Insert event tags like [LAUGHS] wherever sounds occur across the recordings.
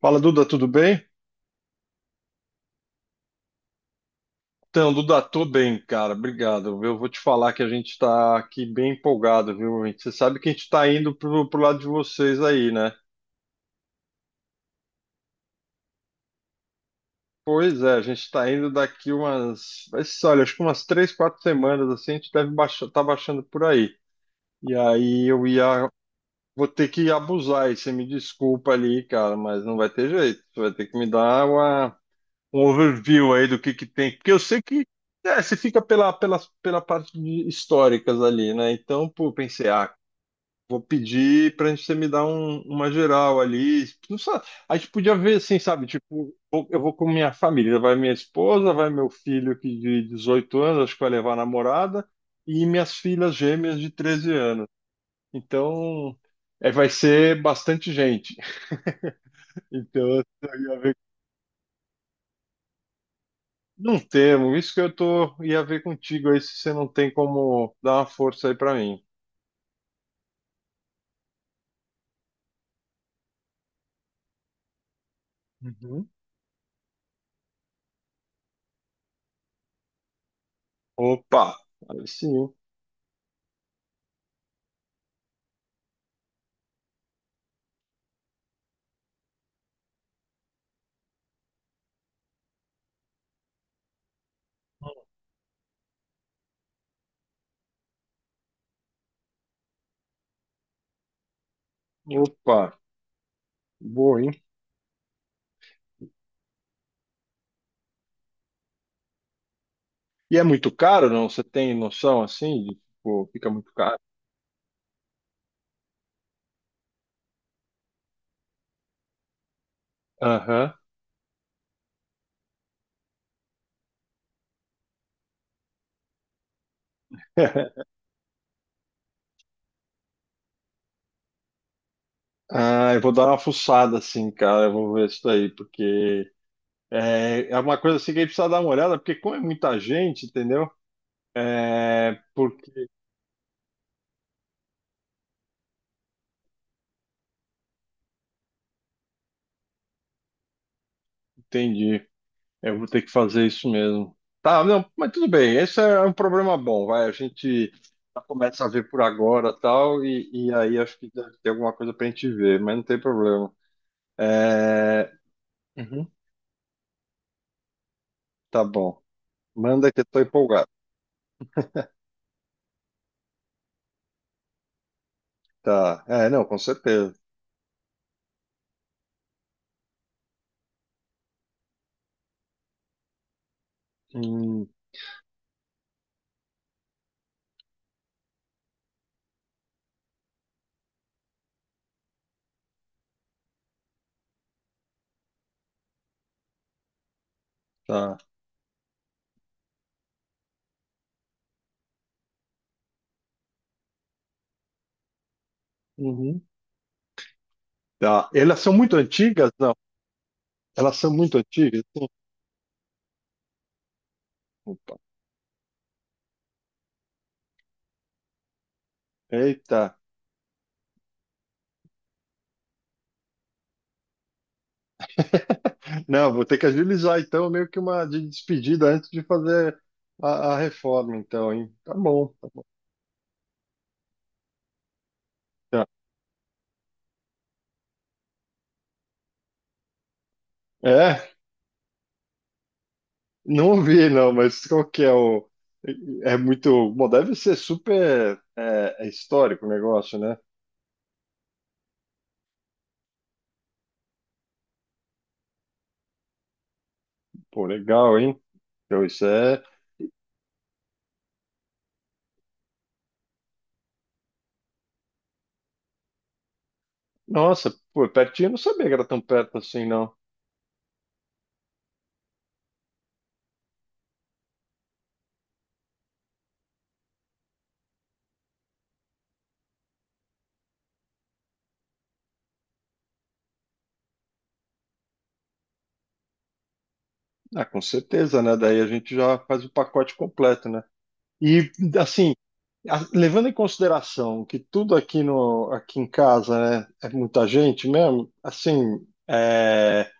Fala, Duda, tudo bem? Então, Duda, tô bem, cara, obrigado. Eu vou te falar que a gente tá aqui bem empolgado, viu? Gente? Você sabe que a gente tá indo pro lado de vocês aí, né? Pois é, a gente tá indo daqui umas, vai ser, olha, acho que umas três, quatro semanas, assim, a gente deve baixar, tá baixando por aí. E aí eu ia, vou ter que abusar, e você me desculpa ali, cara, mas não vai ter jeito. Você vai ter que me dar uma um overview aí do que tem, porque eu sei que você fica pela parte de históricas ali, né? Então, pô, pensei, vou pedir pra gente você me dar uma geral ali. Não sabe, a gente podia ver assim, sabe? Tipo, eu vou com minha família, vai minha esposa, vai meu filho que de 18 anos, acho que vai levar a namorada, e minhas filhas gêmeas de 13 anos. Então, vai ser bastante gente. [LAUGHS] Então, eu ia não temo, isso que eu tô ia ver contigo aí se você não tem como dar uma força aí pra mim. Uhum. Opa, aí sim. Opa, boa, hein? E é muito caro, não? Você tem noção assim de tipo, fica muito caro? Aham. [LAUGHS] Ah, eu vou dar uma fuçada assim, cara. Eu vou ver isso daí, porque é uma coisa assim que a gente precisa dar uma olhada, porque como é muita gente, entendeu? É Porque entendi. Eu vou ter que fazer isso mesmo. Tá, não, mas tudo bem. Esse é um problema bom, vai. A gente já começa a ver por agora tal, e aí acho que deve ter alguma coisa pra gente ver, mas não tem problema. É... uhum, tá bom. Manda que eu tô empolgado. Tá. É, não, com certeza. Hum, tá. Uhum. Tá. Elas são muito antigas? Não. Elas são muito antigas? Sim. Opa. Eita. Não, vou ter que agilizar então, meio que uma de despedida antes de fazer a reforma, então, hein? Tá bom, tá bom. Tá. É, não ouvi, não, mas qual que é o. É muito. Bom, deve ser super é histórico o negócio, né? Pô, legal, hein? Então, isso é. Nossa, pô, pertinho, eu não sabia que era tão perto assim, não. Ah, com certeza, né? Daí a gente já faz o pacote completo, né? E, assim, levando em consideração que tudo aqui no aqui em casa, né, é muita gente mesmo, assim,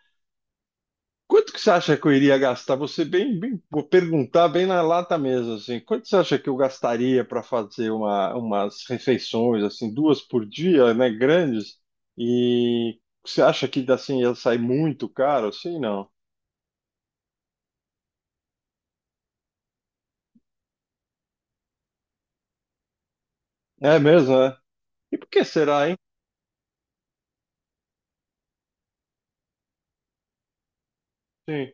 quanto que você acha que eu iria gastar? Você vou perguntar bem na lata mesmo, assim, quanto você acha que eu gastaria para fazer umas refeições assim, duas por dia, né, grandes? E você acha que assim ia sair muito caro, assim, não? É mesmo, né? E por que será, hein? Sim.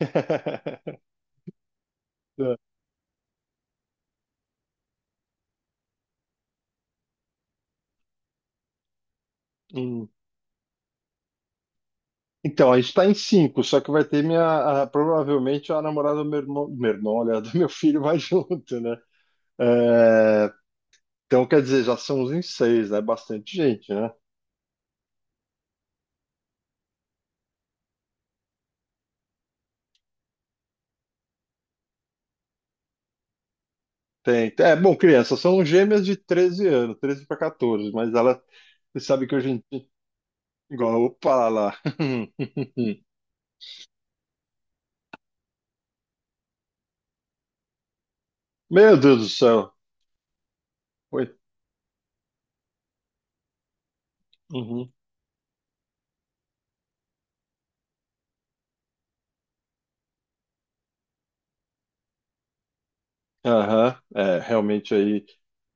[LAUGHS] Hum. Então, a gente tá em cinco, só que vai ter minha. Provavelmente a namorada do meu irmão. Meu irmão, olha, [LAUGHS] do meu filho vai [LAUGHS] junto, né? É, então, quer dizer, já são uns em seis, né? Bastante gente, né? Tem. É, bom, crianças são gêmeas de 13 anos, 13 para 14, mas ela. Você sabe que hoje em dia. Igual, opa lá. [LAUGHS] Meu Deus do céu. Oi. Uhum. Aham. É, realmente aí.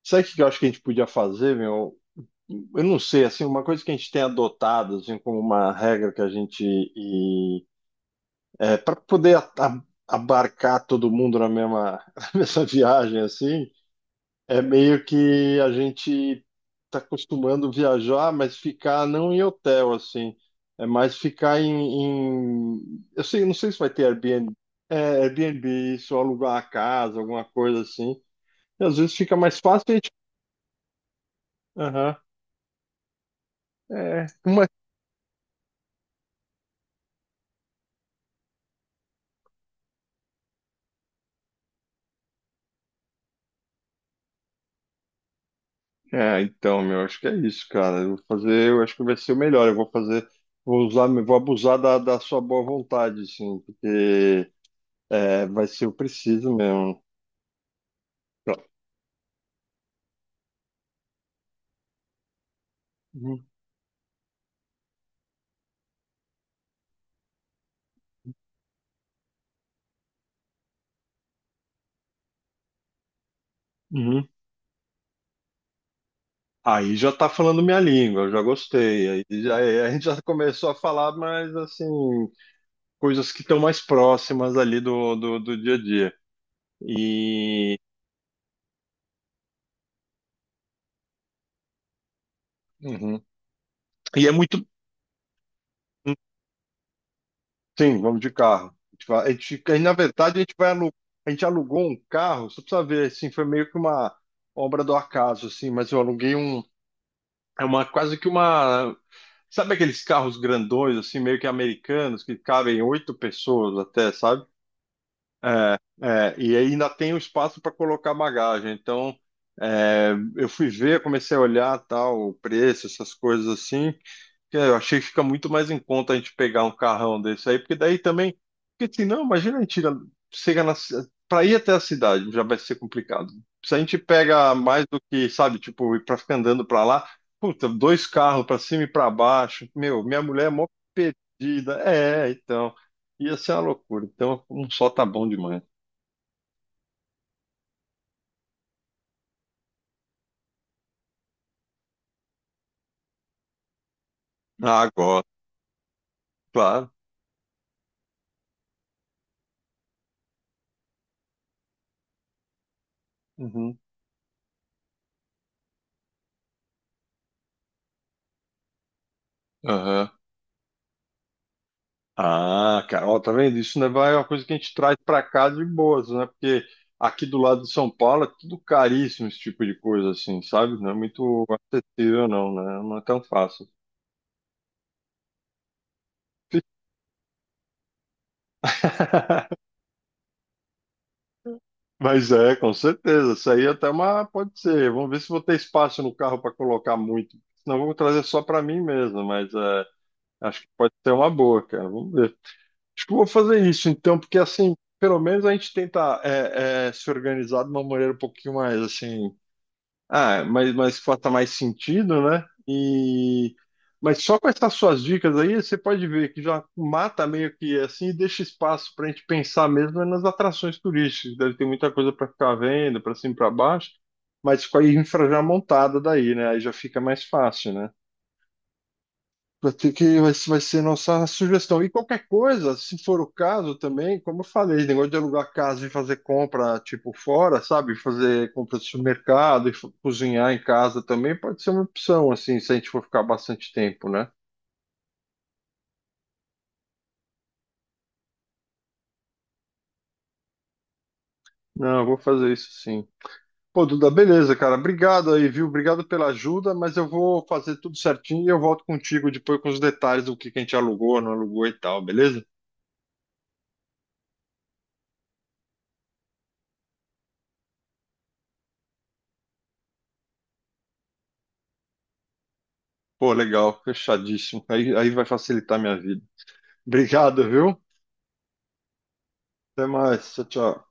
Sabe o que eu acho que a gente podia fazer, meu? Eu não sei, assim, uma coisa que a gente tem adotado, assim, como uma regra que é, para poder abarcar todo mundo na mesma, [LAUGHS] na mesma viagem, assim, é meio que a gente está acostumando viajar, mas ficar não em hotel, assim, é mais ficar eu sei, não sei se vai ter Airbnb, é, Airbnb, isso, alugar a casa, alguma coisa assim, e às vezes fica mais fácil a gente, aham. É, uma É, então, meu, acho que é isso, cara. Eu vou fazer, eu acho que vai ser o melhor. Eu vou fazer, vou usar, vou abusar da sua boa vontade, assim, porque vai ser o preciso mesmo. Tá. Uhum. Uhum. Aí já tá falando minha língua, eu já gostei. Aí já, é, a gente já começou a falar, mas assim, coisas que estão mais próximas ali do dia a dia. E, uhum, e é muito. Sim, vamos de carro. A gente, vai- a gente- Aí, na verdade, a gente alugou um carro, só precisa ver, assim, foi meio que uma obra do acaso, assim, mas eu aluguei um, é uma quase que uma, sabe aqueles carros grandões, assim, meio que americanos, que cabem oito pessoas até, sabe? É, é, e aí ainda tem o espaço para colocar bagagem. Então, eu fui ver, comecei a olhar tal, o preço, essas coisas assim. Que eu achei que fica muito mais em conta a gente pegar um carrão desse aí, porque daí também. Porque assim, não, imagina a gente ir- chega na. Para ir até a cidade já vai ser complicado. Se a gente pega mais do que, sabe, tipo, para ficar andando para lá, puta, dois carros para cima e para baixo. Meu, minha mulher é mó perdida. É, então. Ia ser uma loucura. Então, um só tá bom demais. Ah, gosto, claro. Uhum. Aham. Ah, cara, ó, tá vendo? Isso né, é uma coisa que a gente traz pra cá de boas, né? Porque aqui do lado de São Paulo é tudo caríssimo, esse tipo de coisa, assim, sabe? Não é muito acessível, não, né? Não é tão fácil. [LAUGHS] Mas é, com certeza. Isso aí até uma. Pode ser. Vamos ver se vou ter espaço no carro para colocar muito. Senão eu vou trazer só para mim mesmo, mas acho que pode ser uma boa, cara. Vamos ver. Acho que eu vou fazer isso então, porque assim, pelo menos a gente tenta se organizar de uma maneira um pouquinho mais assim. Ah, mas faça mais sentido, né? E mas só com essas suas dicas aí, você pode ver que já mata meio que assim e deixa espaço para a gente pensar mesmo nas atrações turísticas. Deve ter muita coisa para ficar vendo, para cima e para baixo, mas com a infra já montada daí, né? Aí já fica mais fácil, né? Vai ter que, vai, vai ser nossa sugestão. E qualquer coisa, se for o caso também, como eu falei, negócio de alugar casa e fazer compra, tipo, fora, sabe? Fazer compra de supermercado e cozinhar em casa também pode ser uma opção, assim, se a gente for ficar bastante tempo, né? Não, eu vou fazer isso sim. Pô, Duda, beleza, cara. Obrigado aí, viu? Obrigado pela ajuda, mas eu vou fazer tudo certinho e eu volto contigo depois com os detalhes do que a gente alugou, não alugou e tal, beleza? Pô, legal, fechadíssimo. Aí vai facilitar a minha vida. Obrigado, viu? Até mais. Tchau, tchau.